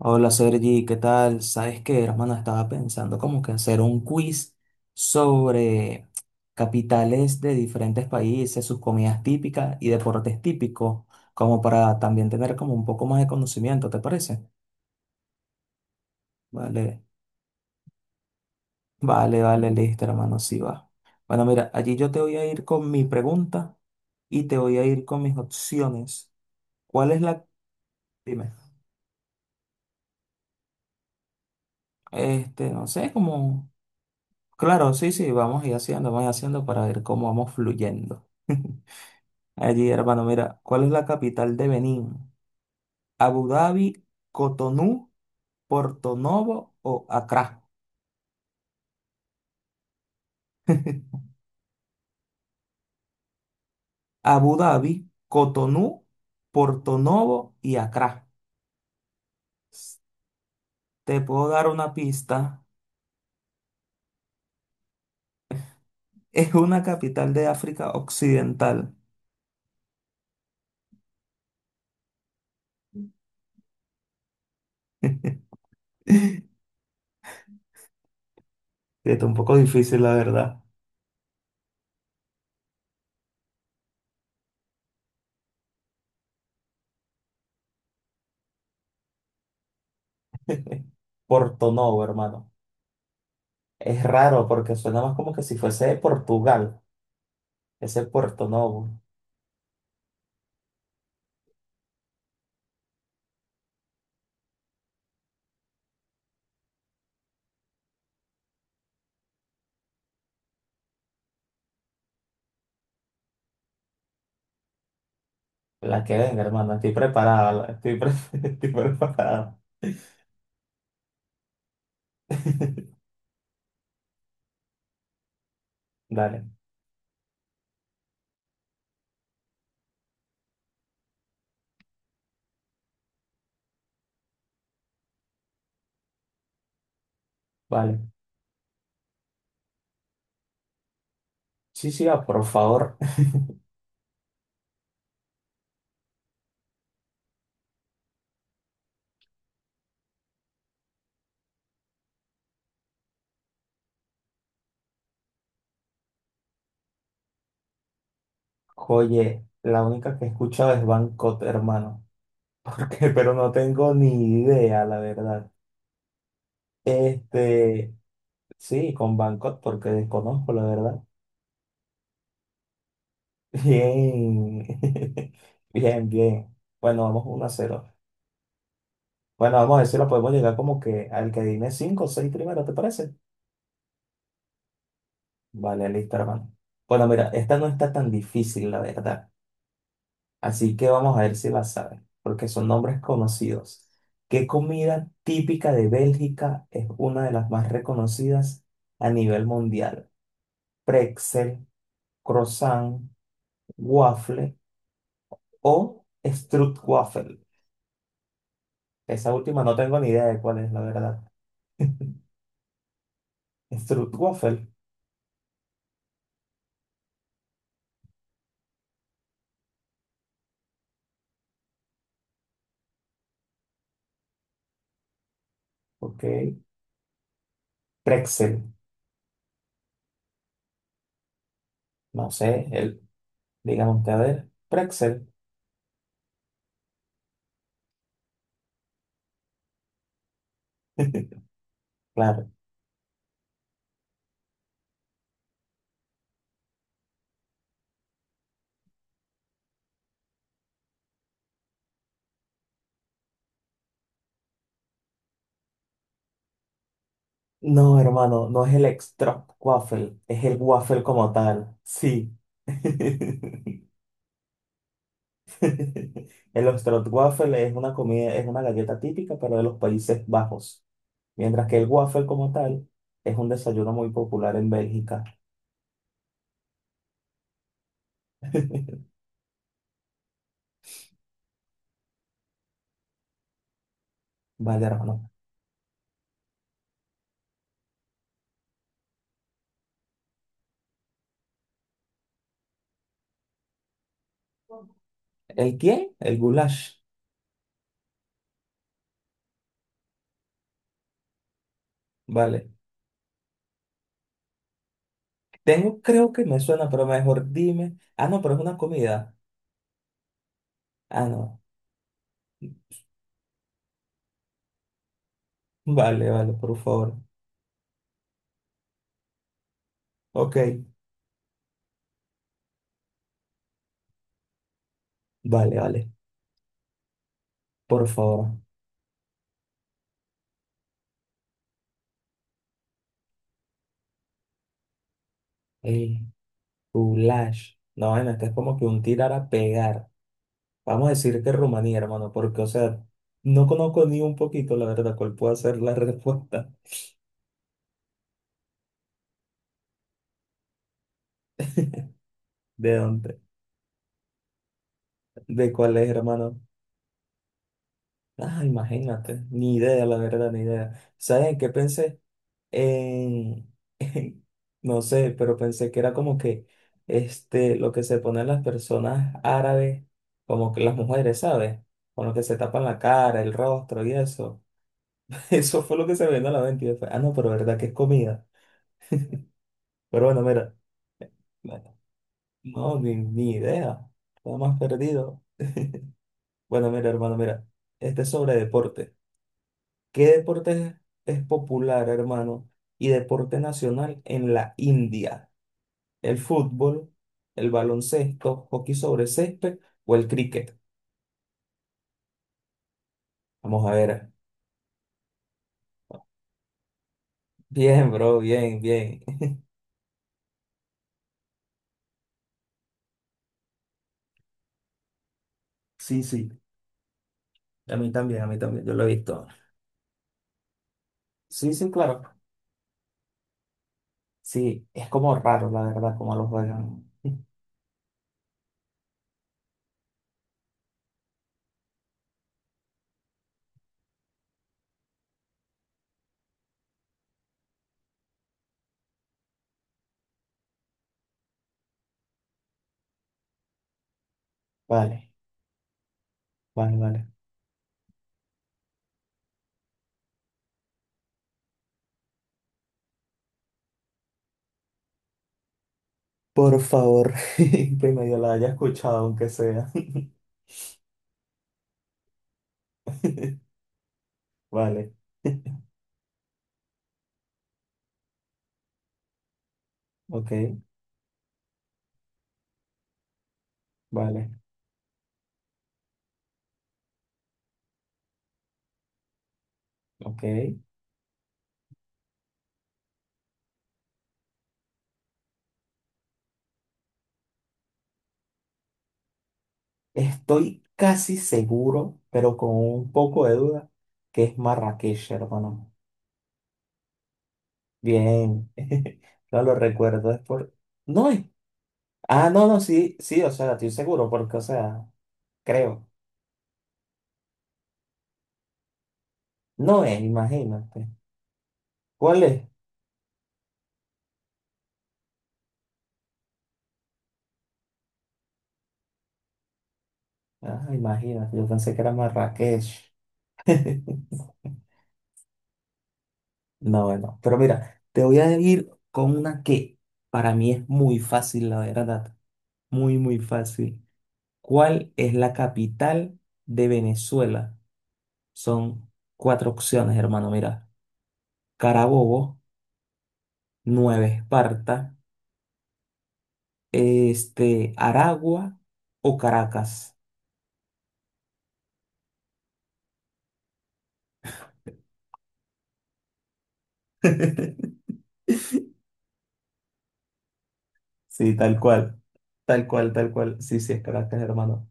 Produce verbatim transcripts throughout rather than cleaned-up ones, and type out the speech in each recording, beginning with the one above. Hola Sergi, ¿qué tal? ¿Sabes qué, hermano? Estaba pensando como que hacer un quiz sobre capitales de diferentes países, sus comidas típicas y deportes típicos, como para también tener como un poco más de conocimiento, ¿te parece? Vale, vale, vale, listo, hermano, sí va. Bueno, mira, allí yo te voy a ir con mi pregunta y te voy a ir con mis opciones. ¿Cuál es la— Dime. Este, no sé, como— Claro, sí, sí, vamos a ir haciendo, vamos a ir haciendo para ver cómo vamos fluyendo. Allí, hermano, mira, ¿cuál es la capital de Benín? ¿Abu Dhabi, Cotonú, Porto Novo o Accra? Abu Dhabi, Cotonú, Porto Novo y Accra. S- Te puedo dar una pista. Es una capital de África Occidental. Sí, está un poco difícil, la verdad. Porto Novo, hermano. Es raro porque suena más como que si fuese de Portugal. Ese es Puerto Novo. La que venga, hermano. Estoy preparada. La- Estoy, pre- estoy preparada. Dale, vale. Sí, sí, ah, por favor. Oye, la única que he escuchado es Bangkok, hermano. Porque, pero no tengo ni idea, la verdad. Este, sí, con Bangkok, porque desconozco, la verdad. Bien. Bien, bien. Bueno, vamos uno a cero. Bueno, vamos a ver si lo podemos llegar como que al que dime cinco o seis primero, ¿te parece? Vale, listo, hermano. Bueno, mira, esta no está tan difícil, la verdad. Así que vamos a ver si la sabes, porque son nombres conocidos. ¿Qué comida típica de Bélgica es una de las más reconocidas a nivel mundial? Pretzel, croissant, waffle o stroopwafel. Esa última no tengo ni idea de cuál es, la verdad. Stroopwafel, ok. Pretzel, no sé, el, digan ustedes, pretzel. Claro. No, hermano, no es el extra waffle, es el waffle como tal. Sí. El waffle es una comida, es una galleta típica, pero de los Países Bajos, mientras que el waffle como tal es un desayuno muy popular en Bélgica. Vale, hermano. ¿El qué? El goulash. Vale. Tengo, creo que me suena, pero mejor dime. Ah, no, pero es una comida. Ah, no. Vale, vale, por favor. Ok. Vale, vale. Por favor. Eh, Goulash. No, bueno, este es como que un tirar a pegar. Vamos a decir que Rumanía, hermano, porque, o sea, no conozco ni un poquito, la verdad, cuál puede ser la respuesta de dónde, de cuál es, hermano. Ah, imagínate, ni idea, la verdad, ni idea. ¿Sabes en qué pensé? En, en- no sé, pero pensé que era como que, este, lo que se ponen las personas árabes, como que las mujeres, ¿sabes? Con lo que se tapan la cara, el rostro y eso. Eso fue lo que se me vino a la mente. Y yo fue, ah, no, pero verdad que es comida. Pero bueno, mira, bueno, no, ni, ni idea. Estaba más perdido. Bueno, mira, hermano, mira. Este es sobre deporte. ¿Qué deporte es, es popular, hermano? Y deporte nacional en la India. ¿El fútbol, el baloncesto, hockey sobre césped o el cricket? Vamos a ver. Bien, bro, bien, bien. Sí, sí. A mí también, a mí también. Yo lo he visto. Sí, sí, claro. Sí, es como raro, la verdad, como lo juegan. Vale, vale, vale. Por favor, que medio la haya escuchado, aunque sea. Vale, ok, vale, ok. Estoy casi seguro, pero con un poco de duda, que es Marrakech, hermano. Bien, no lo recuerdo, es por— No es— Ah, no, no, sí, sí, o sea, estoy seguro, porque, o sea, creo. No es, imagínate. ¿Cuál es? Ah, imagínate, yo pensé que era Marrakech. No, bueno, pero mira, te voy a ir con una que para mí es muy fácil, la verdad. Muy, muy fácil. ¿Cuál es la capital de Venezuela? Son cuatro opciones, hermano. Mira, Carabobo, Nueva Esparta, este, Aragua o Caracas. Sí, tal cual. Tal cual, tal cual. Sí, sí, es Caracas, hermano.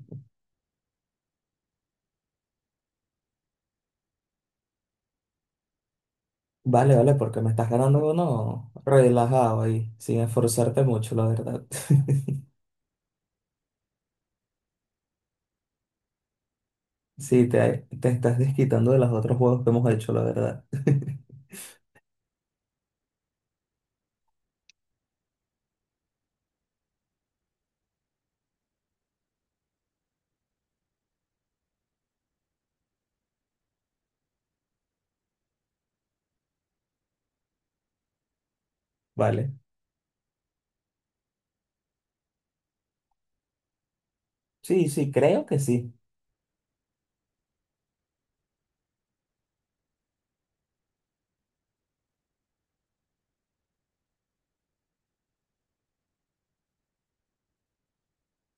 Vale, vale, porque me estás ganando uno relajado ahí, sin esforzarte mucho, la verdad. Sí, te, te estás desquitando de los otros juegos que hemos hecho, la verdad. Vale. Sí, sí, creo que sí.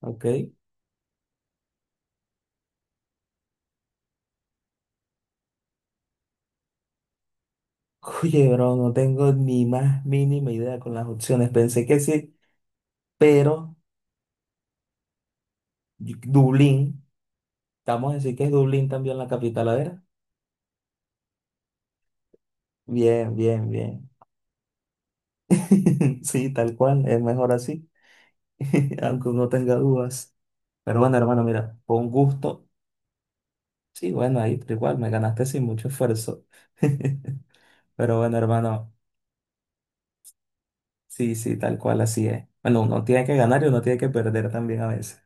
Ok. Oye, bro, no tengo ni más mínima idea con las opciones. Pensé que sí, pero Dublín, estamos a decir que es Dublín también la capital, a ver. Bien, bien, bien. Sí, tal cual, es mejor así, aunque uno tenga dudas. Pero bueno, hermano, mira, con gusto. Sí, bueno, ahí igual me ganaste sin mucho esfuerzo. Pero bueno, hermano. Sí, sí, tal cual, así es. Bueno, uno tiene que ganar y uno tiene que perder también a veces.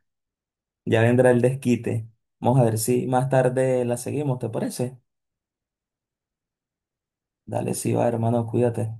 Ya vendrá el desquite. Vamos a ver si más tarde la seguimos, ¿te parece? Dale, sí, va, hermano, cuídate.